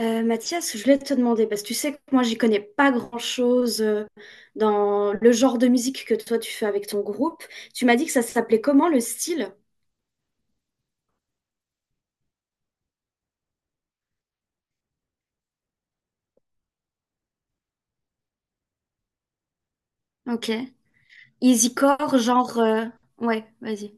Mathias, je voulais te demander, parce que tu sais que moi, j'y connais pas grand-chose dans le genre de musique que toi, tu fais avec ton groupe. Tu m'as dit que ça s'appelait comment le style? Ok. Easycore, genre, ouais, vas-y.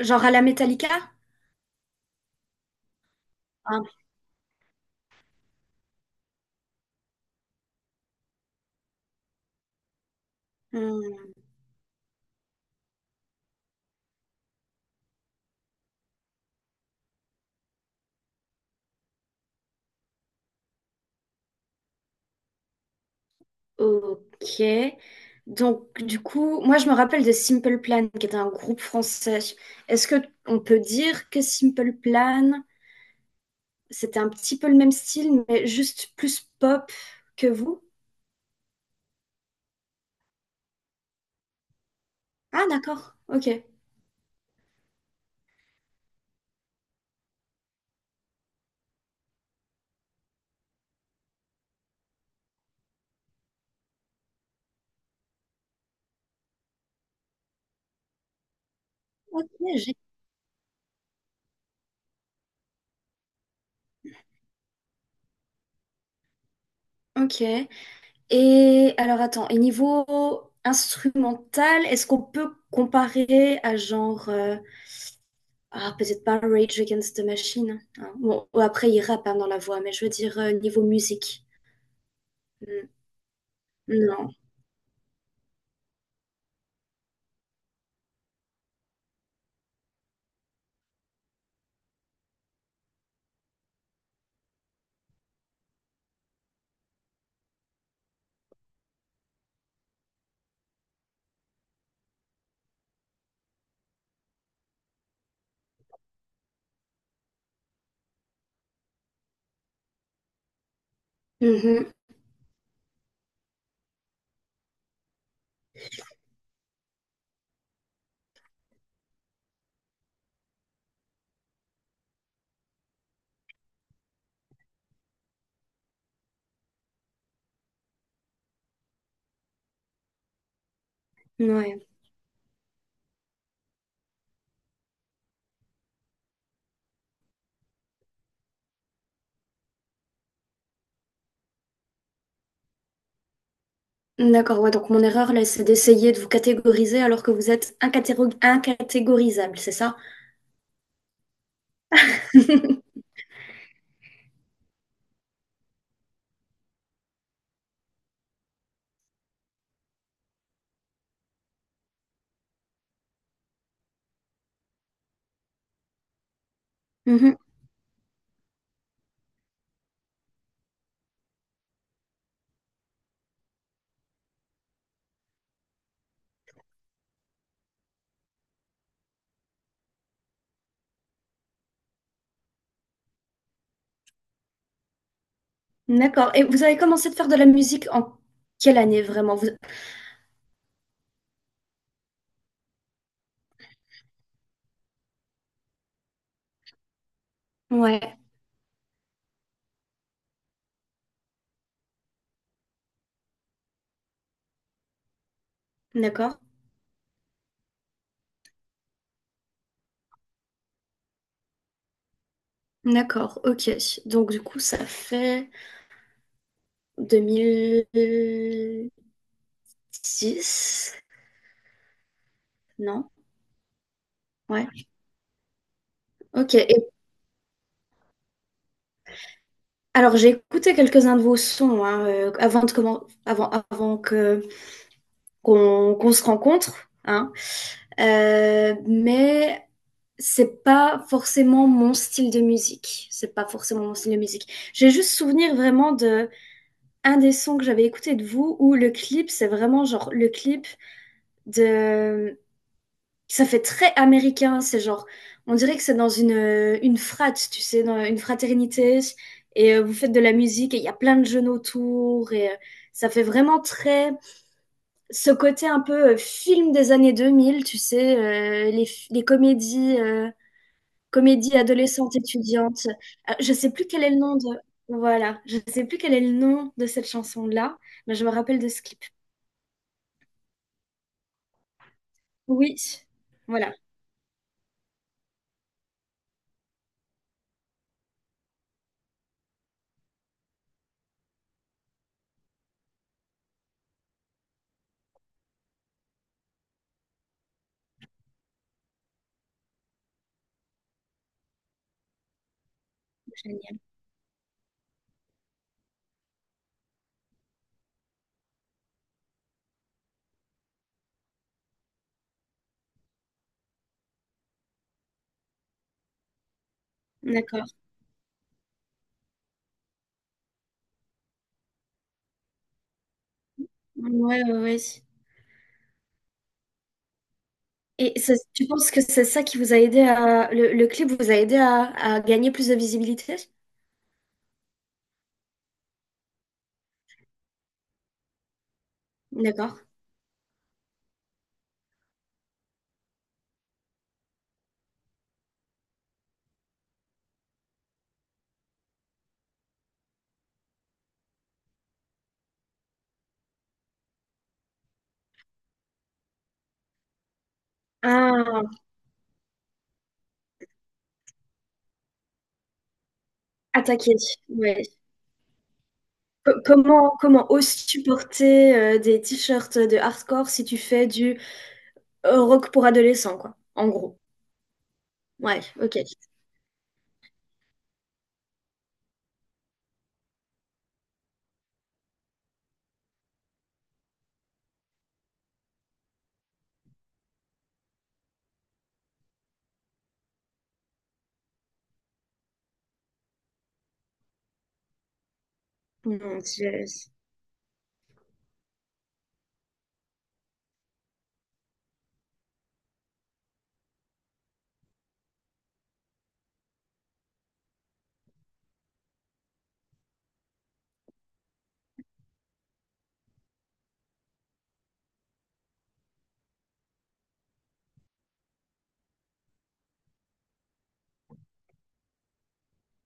Genre à la Metallica? Ah. Hmm, ok. Donc, du coup, moi, je me rappelle de Simple Plan, qui était un groupe français. Est-ce que on peut dire que Simple Plan, c'était un petit peu le même style, mais juste plus pop que vous? Ah, d'accord. Ok. Ok. j'ai- Ok. Et alors, attends. Et niveau instrumental, est-ce qu'on peut comparer à genre, ah, peut-être pas Rage Against the Machine, hein. Bon, après, il rappe hein, dans la voix, mais je veux dire niveau musique. Hmm. Non. Mhm. Ouais. D'accord. Ouais, donc mon erreur, là, c'est d'essayer de vous catégoriser alors que vous êtes incatégorisable, c'est ça? Mhm. D'accord. Et vous avez commencé de faire de la musique en quelle année vraiment? Vous- Ouais, d'accord. D'accord, ok. Donc du coup, ça fait 2006, non? Ouais, ok. Et alors j'ai écouté quelques-uns de vos sons hein, avant de avant que qu'on qu'on se rencontre, hein. Mais c'est pas forcément mon style de musique. C'est pas forcément mon style de musique. J'ai juste souvenir vraiment de un des sons que j'avais écouté de vous où le clip, c'est vraiment genre le clip de... Ça fait très américain, c'est genre, on dirait que c'est dans une frat, tu sais, dans une fraternité, et vous faites de la musique, et il y a plein de jeunes autour, et ça fait vraiment très, ce côté un peu film des années 2000, tu sais, les comédies, comédies adolescentes étudiantes. Je sais plus quel est le nom de... Voilà, je sais plus quel est le nom de cette chanson-là, mais je me rappelle de ce clip. Oui, voilà, génial, d'accord, ouais, ouais, ouais. Et ça- tu penses que c'est ça qui vous a aidé à... Le clip vous a aidé à gagner plus de visibilité? D'accord. Ah, attaquer, ouais. Co- Comment, comment oses-tu porter des t-shirts de hardcore si tu fais du rock pour adolescents, quoi, en gros. Ouais, ok. Mon Dieu.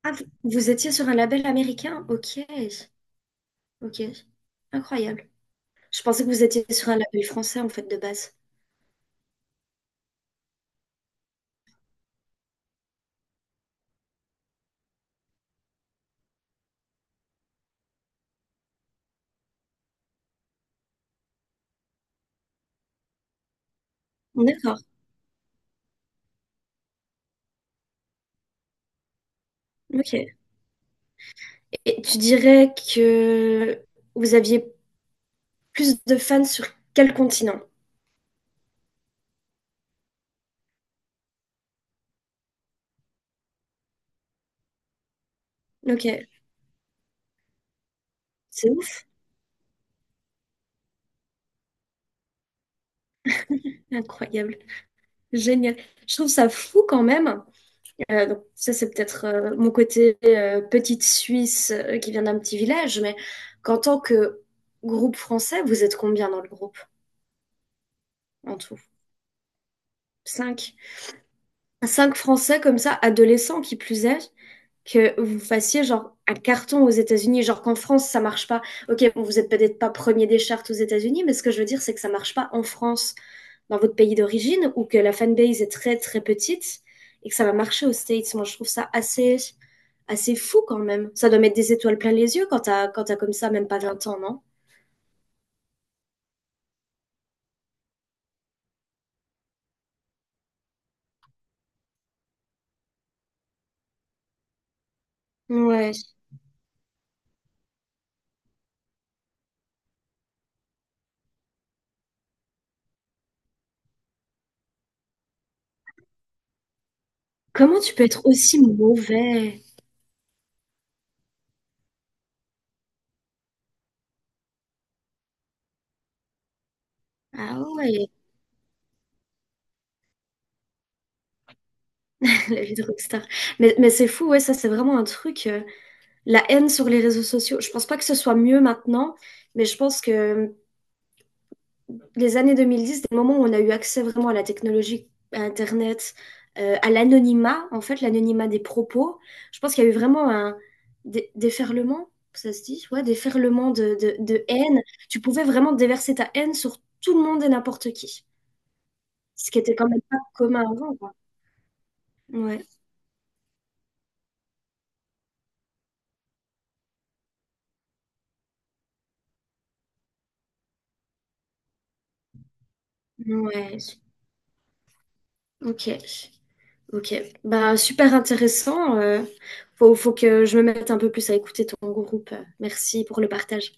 Ah, vous vous étiez sur un label américain? Ok, ok. Incroyable. Je pensais que vous étiez sur un label français, en fait, de base. D'accord, ok. Et tu dirais que vous aviez plus de fans sur quel continent? Ok, c'est ouf, incroyable, génial. Je trouve ça fou quand même. Donc ça, c'est peut-être mon côté petite Suisse qui vient d'un petit village, mais qu'en tant que groupe français, vous êtes combien dans le groupe en tout? Cinq. Cinq Français comme ça, adolescents qui plus est, que vous fassiez genre un carton aux États-Unis, genre qu'en France ça marche pas. Ok, bon, vous êtes peut-être pas premier des charts aux États-Unis, mais ce que je veux dire c'est que ça marche pas en France, dans votre pays d'origine, ou que la fanbase est très très petite et que ça va marcher aux States. Moi, je trouve ça assez assez fou quand même. Ça doit mettre des étoiles plein les yeux quand t'as comme ça même pas 20 ans, non? Ouais. Comment tu peux être aussi mauvais? Ah ouais, la vie de rockstar. Mais c'est fou, ouais, ça c'est vraiment un truc. La haine sur les réseaux sociaux, je pense pas que ce soit mieux maintenant, mais je pense que les années 2010, des moments où on a eu accès vraiment à la technologie, à Internet, à l'anonymat, en fait, l'anonymat des propos, je pense qu'il y a eu vraiment un déferlement, ça se dit, ouais, déferlement de haine. Tu pouvais vraiment déverser ta haine sur tout le monde et n'importe qui, ce qui était quand même pas commun avant, quoi. Ouais, ouais, ok. Ok, bah super intéressant. Faut que je me mette un peu plus à écouter ton groupe. Merci pour le partage.